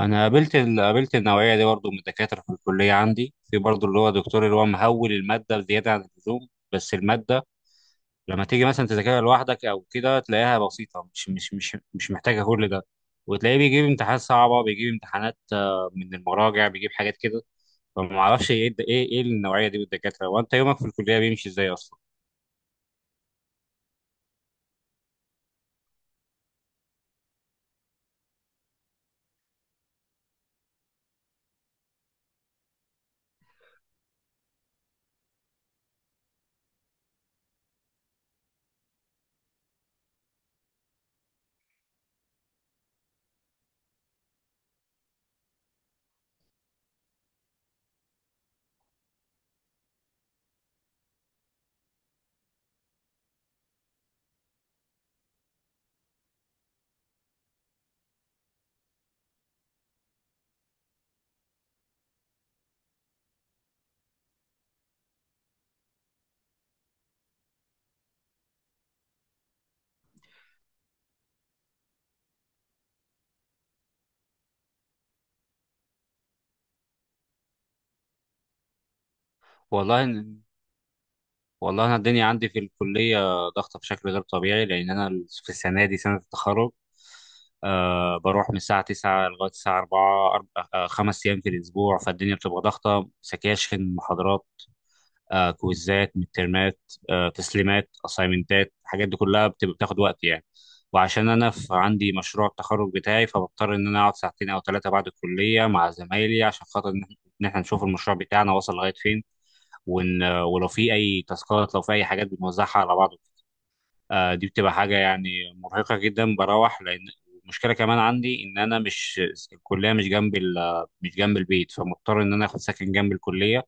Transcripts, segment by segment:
انا قابلت قابلت النوعيه دي برضو من الدكاتره في الكليه عندي في برضو اللي هو دكتور اللي هو مهول الماده زياده عن اللزوم. بس الماده لما تيجي مثلا تذاكرها لوحدك او كده تلاقيها بسيطه، مش محتاجه كل ده، وتلاقيه بيجيب امتحانات صعبه، بيجيب امتحانات من المراجع، بيجيب حاجات كده. فما اعرفش ايه ايه النوعيه دي من الدكاتره، وانت يومك في الكليه بيمشي ازاي اصلا؟ والله، والله انا الدنيا عندي في الكليه ضغطه بشكل غير طبيعي، لان انا في السنه دي سنه التخرج. بروح من الساعه 9 لغايه الساعه 4، خمس ايام في الاسبوع. فالدنيا بتبقى ضغطه، سكاشن، محاضرات، كويزات مترمات، تسليمات، اسايمنتات، الحاجات دي كلها بتبقى بتاخد وقت يعني. وعشان انا في عندي مشروع التخرج بتاعي فبضطر ان انا اقعد ساعتين او ثلاثه بعد الكليه مع زمايلي عشان خاطر ان إن إحنا نشوف المشروع بتاعنا وصل لغايه فين، وان ولو في اي تاسكات لو في اي حاجات بنوزعها على بعض. دي بتبقى حاجه يعني مرهقه جدا بروح، لان المشكله كمان عندي ان انا مش، الكليه مش جنب مش جنب البيت، فمضطر ان انا اخد سكن جنب الكليه.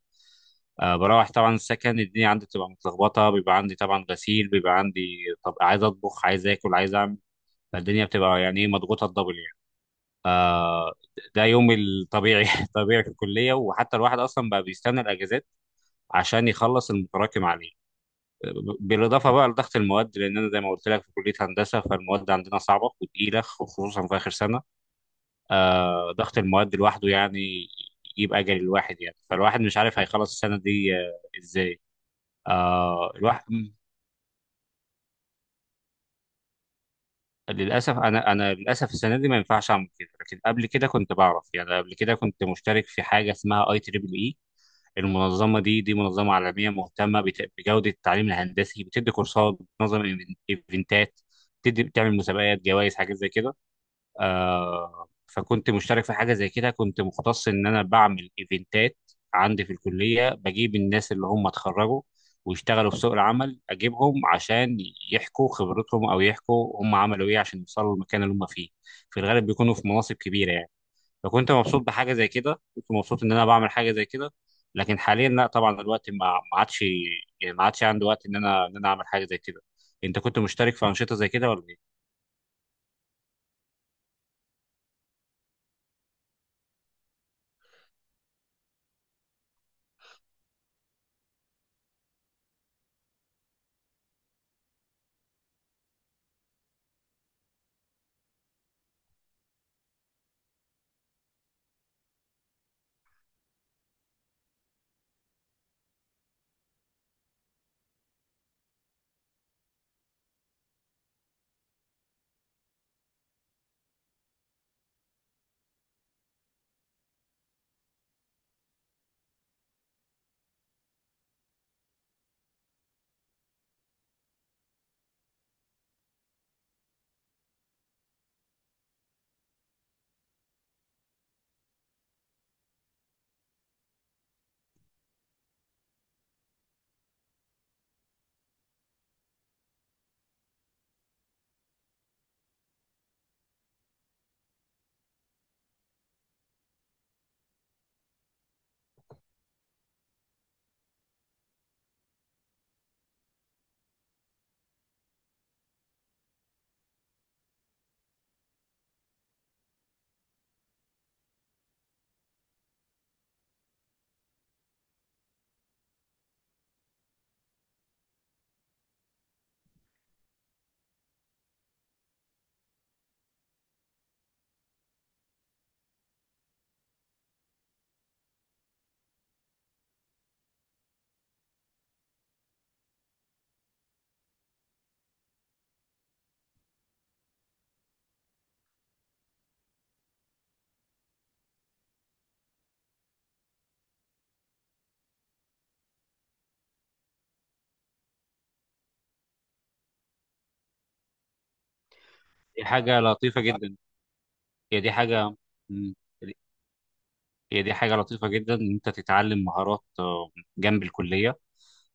بروح طبعا السكن، الدنيا عندي بتبقى متلخبطه، بيبقى عندي طبعا غسيل، بيبقى عندي، طب عايز اطبخ، عايز اكل، عايز اعمل. فالدنيا بتبقى يعني ايه، مضغوطه الدبل يعني. آه، ده يومي الطبيعي طبيعي في الكليه. وحتى الواحد اصلا بقى بيستنى الاجازات عشان يخلص المتراكم عليه، بالاضافه بقى لضغط المواد، لان انا زي ما قلت لك في كليه هندسه فالمواد عندنا صعبه وتقيله خصوصا في اخر سنه. ضغط المواد لوحده يعني يجيب اجل الواحد يعني، فالواحد مش عارف هيخلص السنه دي ازاي. الواحد للاسف، انا للاسف السنه دي ما ينفعش اعمل كده، لكن قبل كده كنت بعرف يعني. قبل كده كنت مشترك في حاجه اسمها IEEE. المنظمة دي منظمة عالمية مهتمة بجودة التعليم الهندسي، بتدي كورسات، بتنظم إيفنتات، بتدي بتعمل مسابقات، جوائز، حاجات زي كده. فكنت مشترك في حاجة زي كده، كنت مختص إن أنا بعمل إيفنتات عندي في الكلية، بجيب الناس اللي هم اتخرجوا ويشتغلوا في سوق العمل أجيبهم عشان يحكوا خبرتهم، أو يحكوا هم عملوا إيه عشان يوصلوا للمكان اللي هم فيه. في الغالب بيكونوا في مناصب كبيرة يعني. فكنت مبسوط بحاجه زي كده، كنت مبسوط ان انا بعمل حاجه زي كده. لكن حاليا لا طبعا، الوقت ما عادش، يعني ما عادش عندي وقت ان انا اعمل حاجه زي كده. انت كنت مشترك في انشطه زي كده ولا ايه؟ دي حاجه لطيفه جدا. هي دي حاجه. مم. هي دي حاجه لطيفه جدا ان انت تتعلم مهارات جنب الكليه،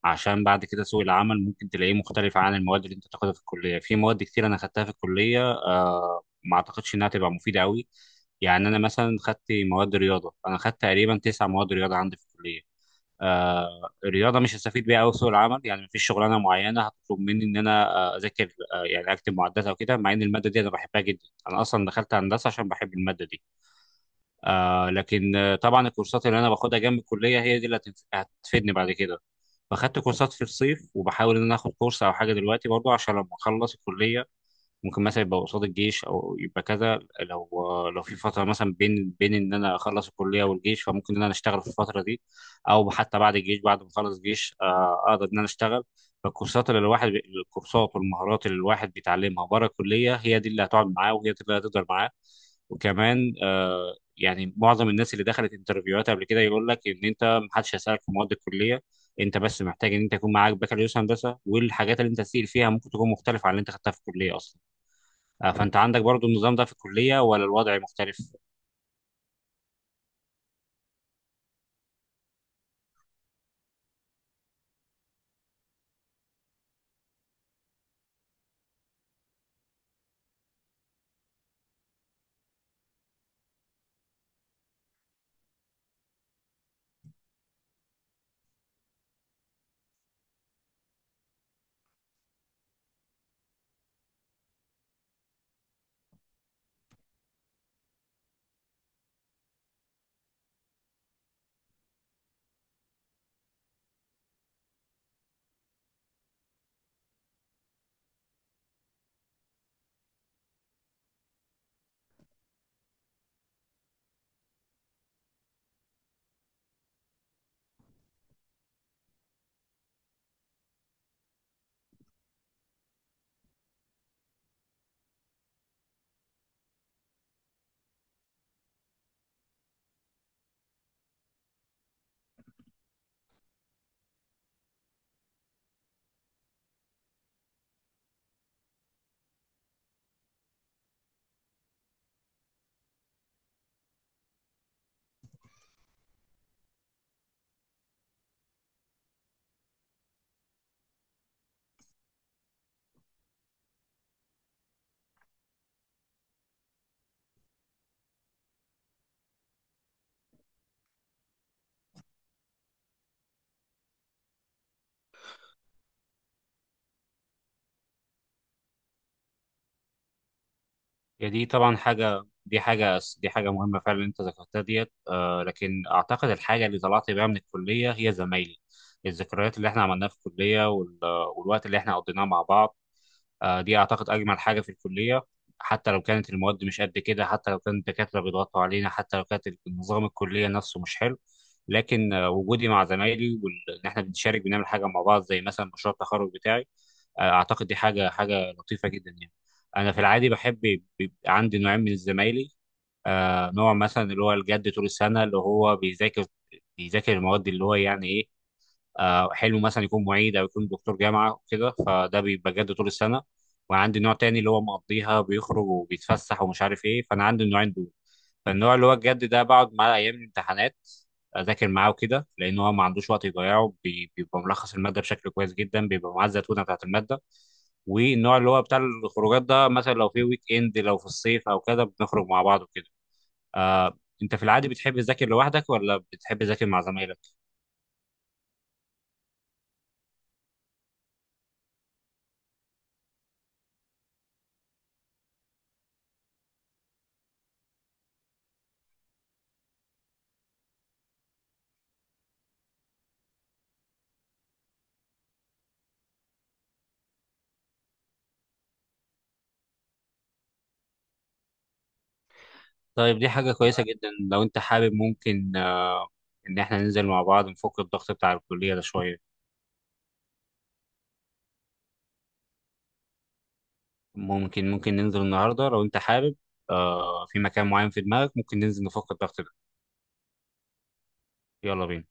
عشان بعد كده سوق العمل ممكن تلاقيه مختلف عن المواد اللي انت تاخدها في الكليه. في مواد كتير انا خدتها في الكليه ما اعتقدش انها تبقى مفيده قوي. يعني انا مثلا خدت مواد رياضه، انا خدت تقريبا تسع مواد رياضه عندي في الكليه. الرياضه مش هستفيد بيها قوي في سوق العمل، يعني مفيش شغلانه معينه هتطلب مني ان انا اذاكر يعني اكتب معدات او كده، مع ان الماده دي انا بحبها جدا، انا اصلا دخلت هندسه عشان بحب الماده دي. لكن طبعا الكورسات اللي انا باخدها جنب الكليه هي دي اللي هتفيدني بعد كده. فاخدت كورسات في الصيف وبحاول ان انا اخد كورس او حاجه دلوقتي برضو، عشان لما اخلص الكليه ممكن مثلا يبقى قصاد الجيش او يبقى كذا. لو لو في فتره مثلا بين ان انا اخلص الكليه والجيش فممكن ان انا اشتغل في الفتره دي، او حتى بعد الجيش بعد ما اخلص جيش اقدر ان انا اشتغل. فالكورسات اللي الواحد الكورسات والمهارات اللي الواحد بيتعلمها بره الكليه هي دي اللي هتقعد معاه وهي دي اللي هتقدر معاه. وكمان يعني معظم الناس اللي دخلت انترفيوهات قبل كده يقول لك ان انت محدش هيسالك في مواد الكليه، انت بس محتاج ان انت يكون معاك بكالوريوس هندسه، والحاجات اللي انت تسال فيها ممكن تكون مختلفه عن اللي انت خدتها في الكليه اصلا. فانت عندك برضو النظام ده في الكليه ولا الوضع مختلف؟ هي دي طبعا حاجه، دي حاجه دي حاجه مهمه فعلا اللي انت ذكرتها ديت. لكن اعتقد الحاجه اللي طلعت بيها من الكليه هي زمايلي، الذكريات اللي احنا عملناها في الكليه والوقت اللي احنا قضيناه مع بعض. دي اعتقد اجمل حاجه في الكليه. حتى لو كانت المواد مش قد كده، حتى لو كان الدكاتره بيضغطوا علينا، حتى لو كانت النظام الكليه نفسه مش حلو، لكن وجودي مع زمايلي وان احنا بنشارك، بنعمل حاجه مع بعض زي مثلا مشروع التخرج بتاعي، اعتقد دي حاجه لطيفه جدا يعني. انا في العادي بحب، بيبقى عندي نوعين من الزمايلي. نوع مثلا اللي هو الجد طول السنه، اللي هو بيذاكر بيذاكر المواد، اللي هو يعني إيه، حلو مثلا يكون معيد او يكون دكتور جامعه وكده، فده بيبقى جد طول السنه. وعندي نوع تاني اللي هو مقضيها، بيخرج وبيتفسح ومش عارف ايه، فانا عندي النوعين دول. فالنوع اللي هو الجد ده بقعد معاه ايام الامتحانات اذاكر معاه وكده، لان هو ما عندوش وقت يضيعه، بيبقى ملخص الماده بشكل كويس جدا، بيبقى معاه الزتونه بتاعت الماده. والنوع اللي هو بتاع الخروجات ده مثلا لو في ويك اند لو في الصيف او كده بنخرج مع بعض وكده. انت في العادي بتحب تذاكر لوحدك ولا بتحب تذاكر مع زمايلك؟ طيب دي حاجة كويسة جدا، لو أنت حابب ممكن إن إحنا ننزل مع بعض نفك الضغط بتاع الكلية ده شوية. ممكن ننزل النهاردة لو أنت حابب، في مكان معين في دماغك ممكن ننزل نفك الضغط ده. يلا بينا.